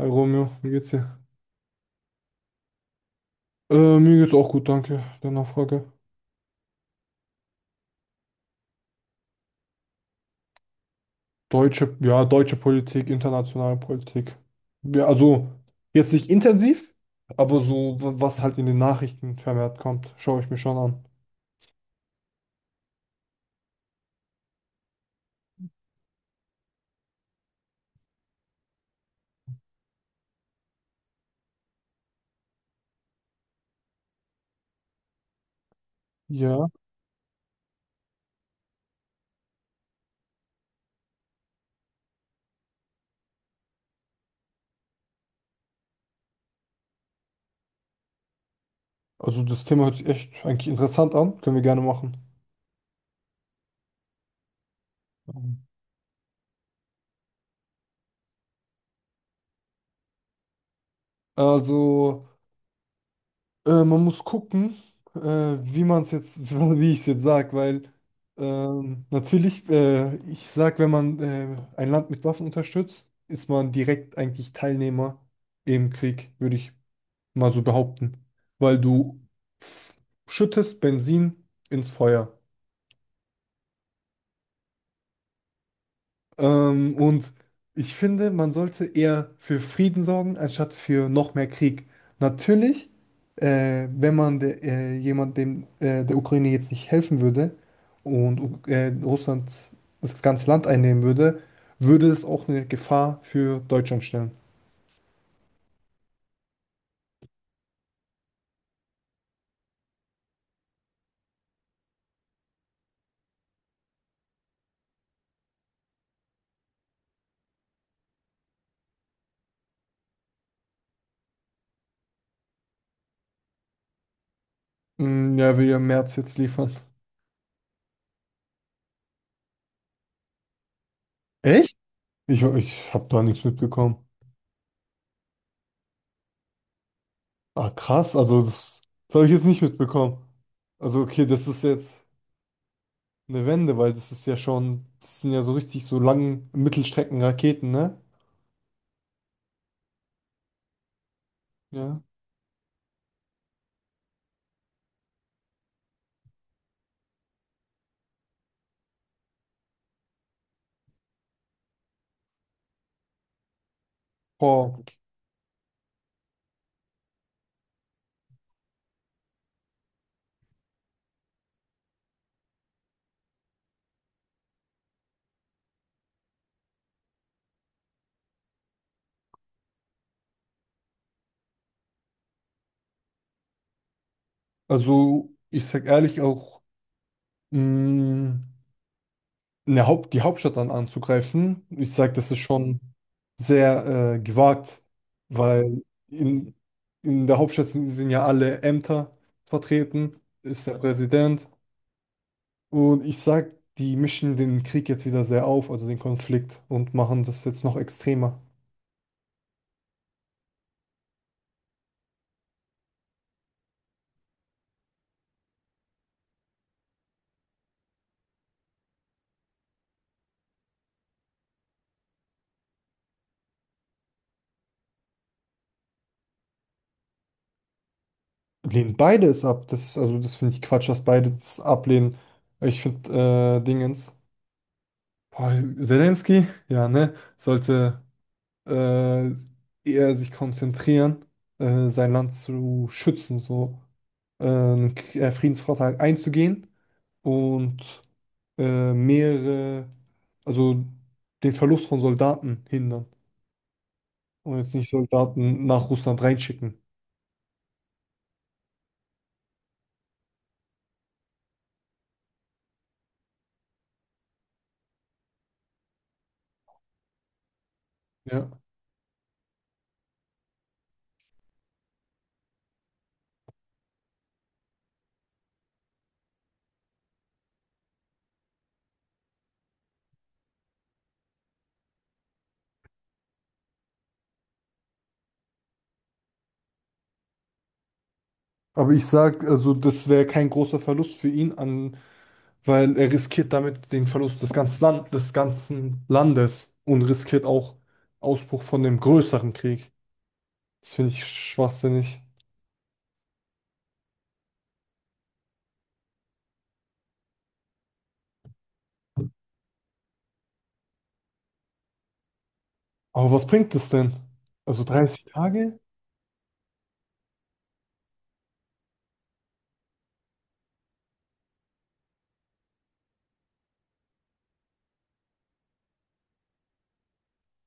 Hi Romeo, wie geht's dir? Mir geht's auch gut, danke. Der Nachfrage. Deutsche, ja, deutsche Politik, internationale Politik. Ja, also jetzt nicht intensiv, aber so, was halt in den Nachrichten vermehrt kommt, schaue ich mir schon an. Ja. Also das Thema hört sich echt eigentlich interessant an, können wir gerne machen. Mhm. Also Man muss gucken, wie man es jetzt, wie ich es jetzt sage, weil natürlich, ich sage, wenn man ein Land mit Waffen unterstützt, ist man direkt eigentlich Teilnehmer im Krieg, würde ich mal so behaupten, weil du f- schüttest Benzin ins Feuer. Und ich finde, man sollte eher für Frieden sorgen, anstatt für noch mehr Krieg. Natürlich, wenn man jemand der Ukraine jetzt nicht helfen würde und Russland das ganze Land einnehmen würde, würde es auch eine Gefahr für Deutschland stellen. Mm, ja, will ja Merz jetzt liefern. Echt? Ich habe da nichts mitbekommen. Ah, krass, das habe ich jetzt nicht mitbekommen. Also okay, das ist jetzt. Eine Wende, weil das ist ja schon, das sind ja so richtig so langen Mittelstreckenraketen, ne? Ja. Boah. Also, ich sag ehrlich auch, mh, eine die Hauptstadt dann anzugreifen, ich sag, das ist schon sehr gewagt, weil in, in der Hauptstadt sind ja alle Ämter vertreten, ist der Präsident. Und ich sag, die mischen den Krieg jetzt wieder sehr auf, also den Konflikt, und machen das jetzt noch extremer. Lehnen beide es ab. Also das finde ich Quatsch, dass beide das ablehnen. Ich finde Dingens. Boah, Zelensky, ja, ne, sollte äh, eher sich konzentrieren, sein Land zu schützen, so Friedensvertrag einzugehen und mehrere, also den Verlust von Soldaten hindern und jetzt nicht Soldaten nach Russland reinschicken. Ja. Aber ich sag, also das wäre kein großer Verlust für ihn an. Weil er riskiert damit den Verlust des ganzen Landes und riskiert auch Ausbruch von dem größeren Krieg. Das finde ich schwachsinnig. Aber was bringt es denn? Also 30 Tage?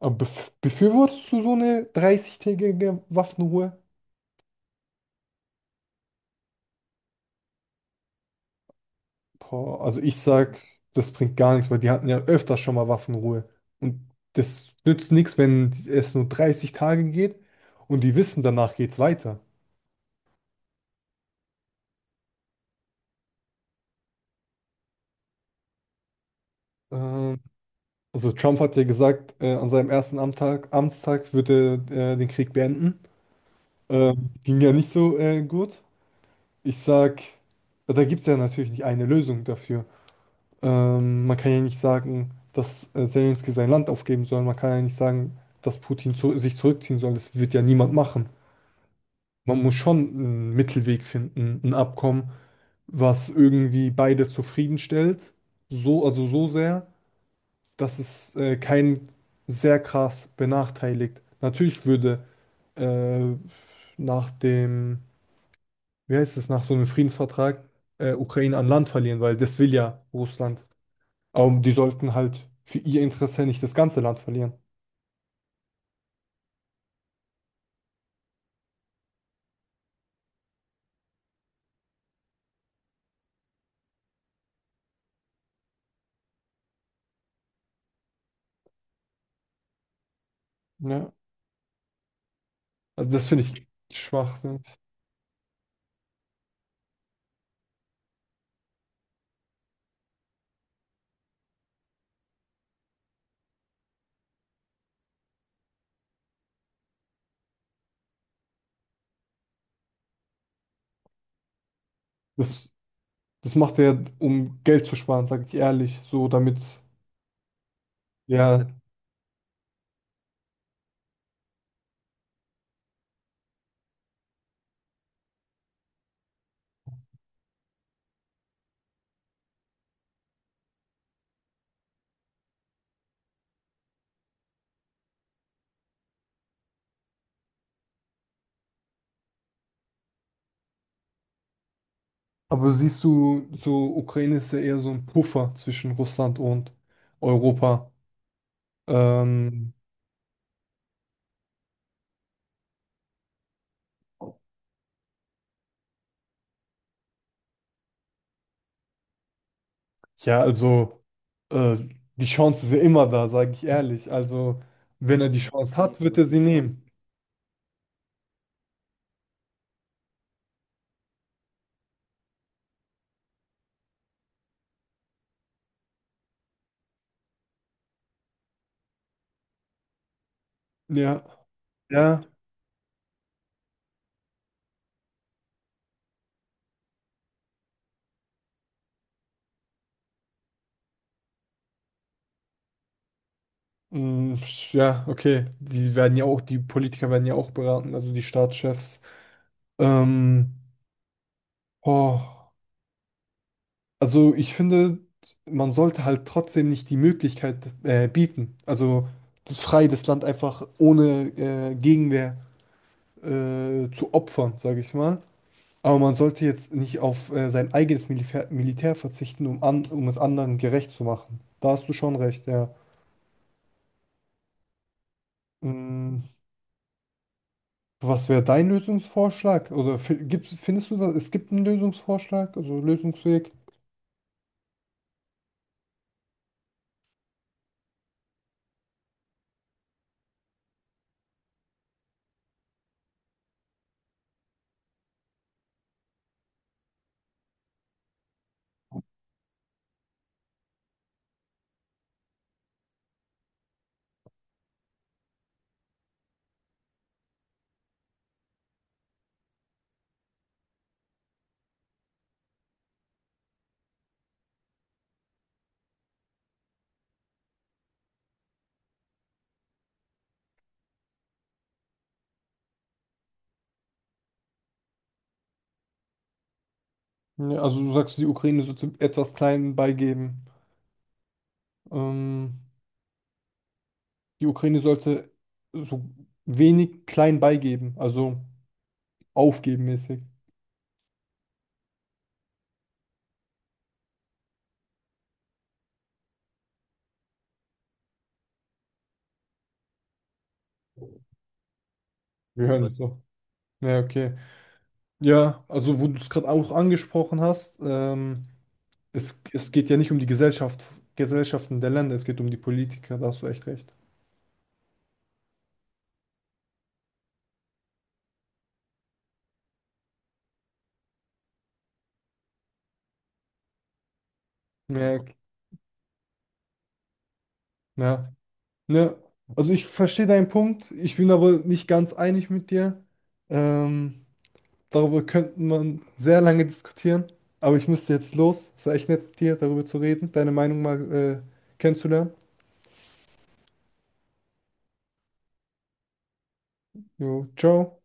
Aber befürwortest du so eine 30-tägige Waffenruhe? Boah, also ich sag, das bringt gar nichts, weil die hatten ja öfter schon mal Waffenruhe. Und das nützt nichts, wenn es nur 30 Tage geht und die wissen, danach geht's weiter. Ähm, Also Trump hat ja gesagt, an seinem ersten Amtstag wird er den Krieg beenden. Ging ja nicht so gut. Ich sag, da gibt es ja natürlich nicht eine Lösung dafür. Man kann ja nicht sagen, dass Zelensky sein Land aufgeben soll. Man kann ja nicht sagen, dass Putin zu sich zurückziehen soll. Das wird ja niemand machen. Man muss schon einen Mittelweg finden, ein Abkommen, was irgendwie beide zufriedenstellt. So, also so sehr. Dass es keinen sehr krass benachteiligt. Natürlich würde äh, nach dem, wie heißt es, nach so einem Friedensvertrag Ukraine an Land verlieren, weil das will ja Russland. Aber die sollten halt für ihr Interesse nicht das ganze Land verlieren. Ne? Also das finde ich Schwachsinn. Das, das macht er, um Geld zu sparen, sage ich ehrlich. So damit, ja. Aber siehst du, so Ukraine ist ja eher so ein Puffer zwischen Russland und Europa. Ähm, Ja, also äh, die Chance ist ja immer da, sage ich ehrlich. Also wenn er die Chance hat, wird er sie nehmen. Ja, ja, mm, ja, okay. Die werden ja auch, die Politiker werden ja auch beraten, also die Staatschefs. Ähm, oh, also ich finde, man sollte halt trotzdem nicht die Möglichkeit bieten, also das frei das Land einfach ohne Gegenwehr zu opfern, sage ich mal. Aber man sollte jetzt nicht auf sein eigenes Militär verzichten, um es anderen gerecht zu machen. Da hast du schon recht, ja. Mm, was wäre dein Lösungsvorschlag? Oder findest du, dass es gibt einen Lösungsvorschlag, also Lösungsweg? Ja, also du sagst, die Ukraine sollte etwas klein beigeben. Ähm, die Ukraine sollte so wenig klein beigeben, also aufgeben mäßig. Wir hören ja uns so. Ja, okay. Ja, also wo du es gerade auch angesprochen hast, es geht ja nicht um die Gesellschaften der Länder, es geht um die Politiker, da hast du echt recht. Ja, ok- ja. Ne, also ich verstehe deinen Punkt, ich bin aber nicht ganz einig mit dir. Ähm, darüber könnte man sehr lange diskutieren, aber ich müsste jetzt los. Es war echt nett, mit dir darüber zu reden, deine Meinung mal kennenzulernen. Jo, ciao.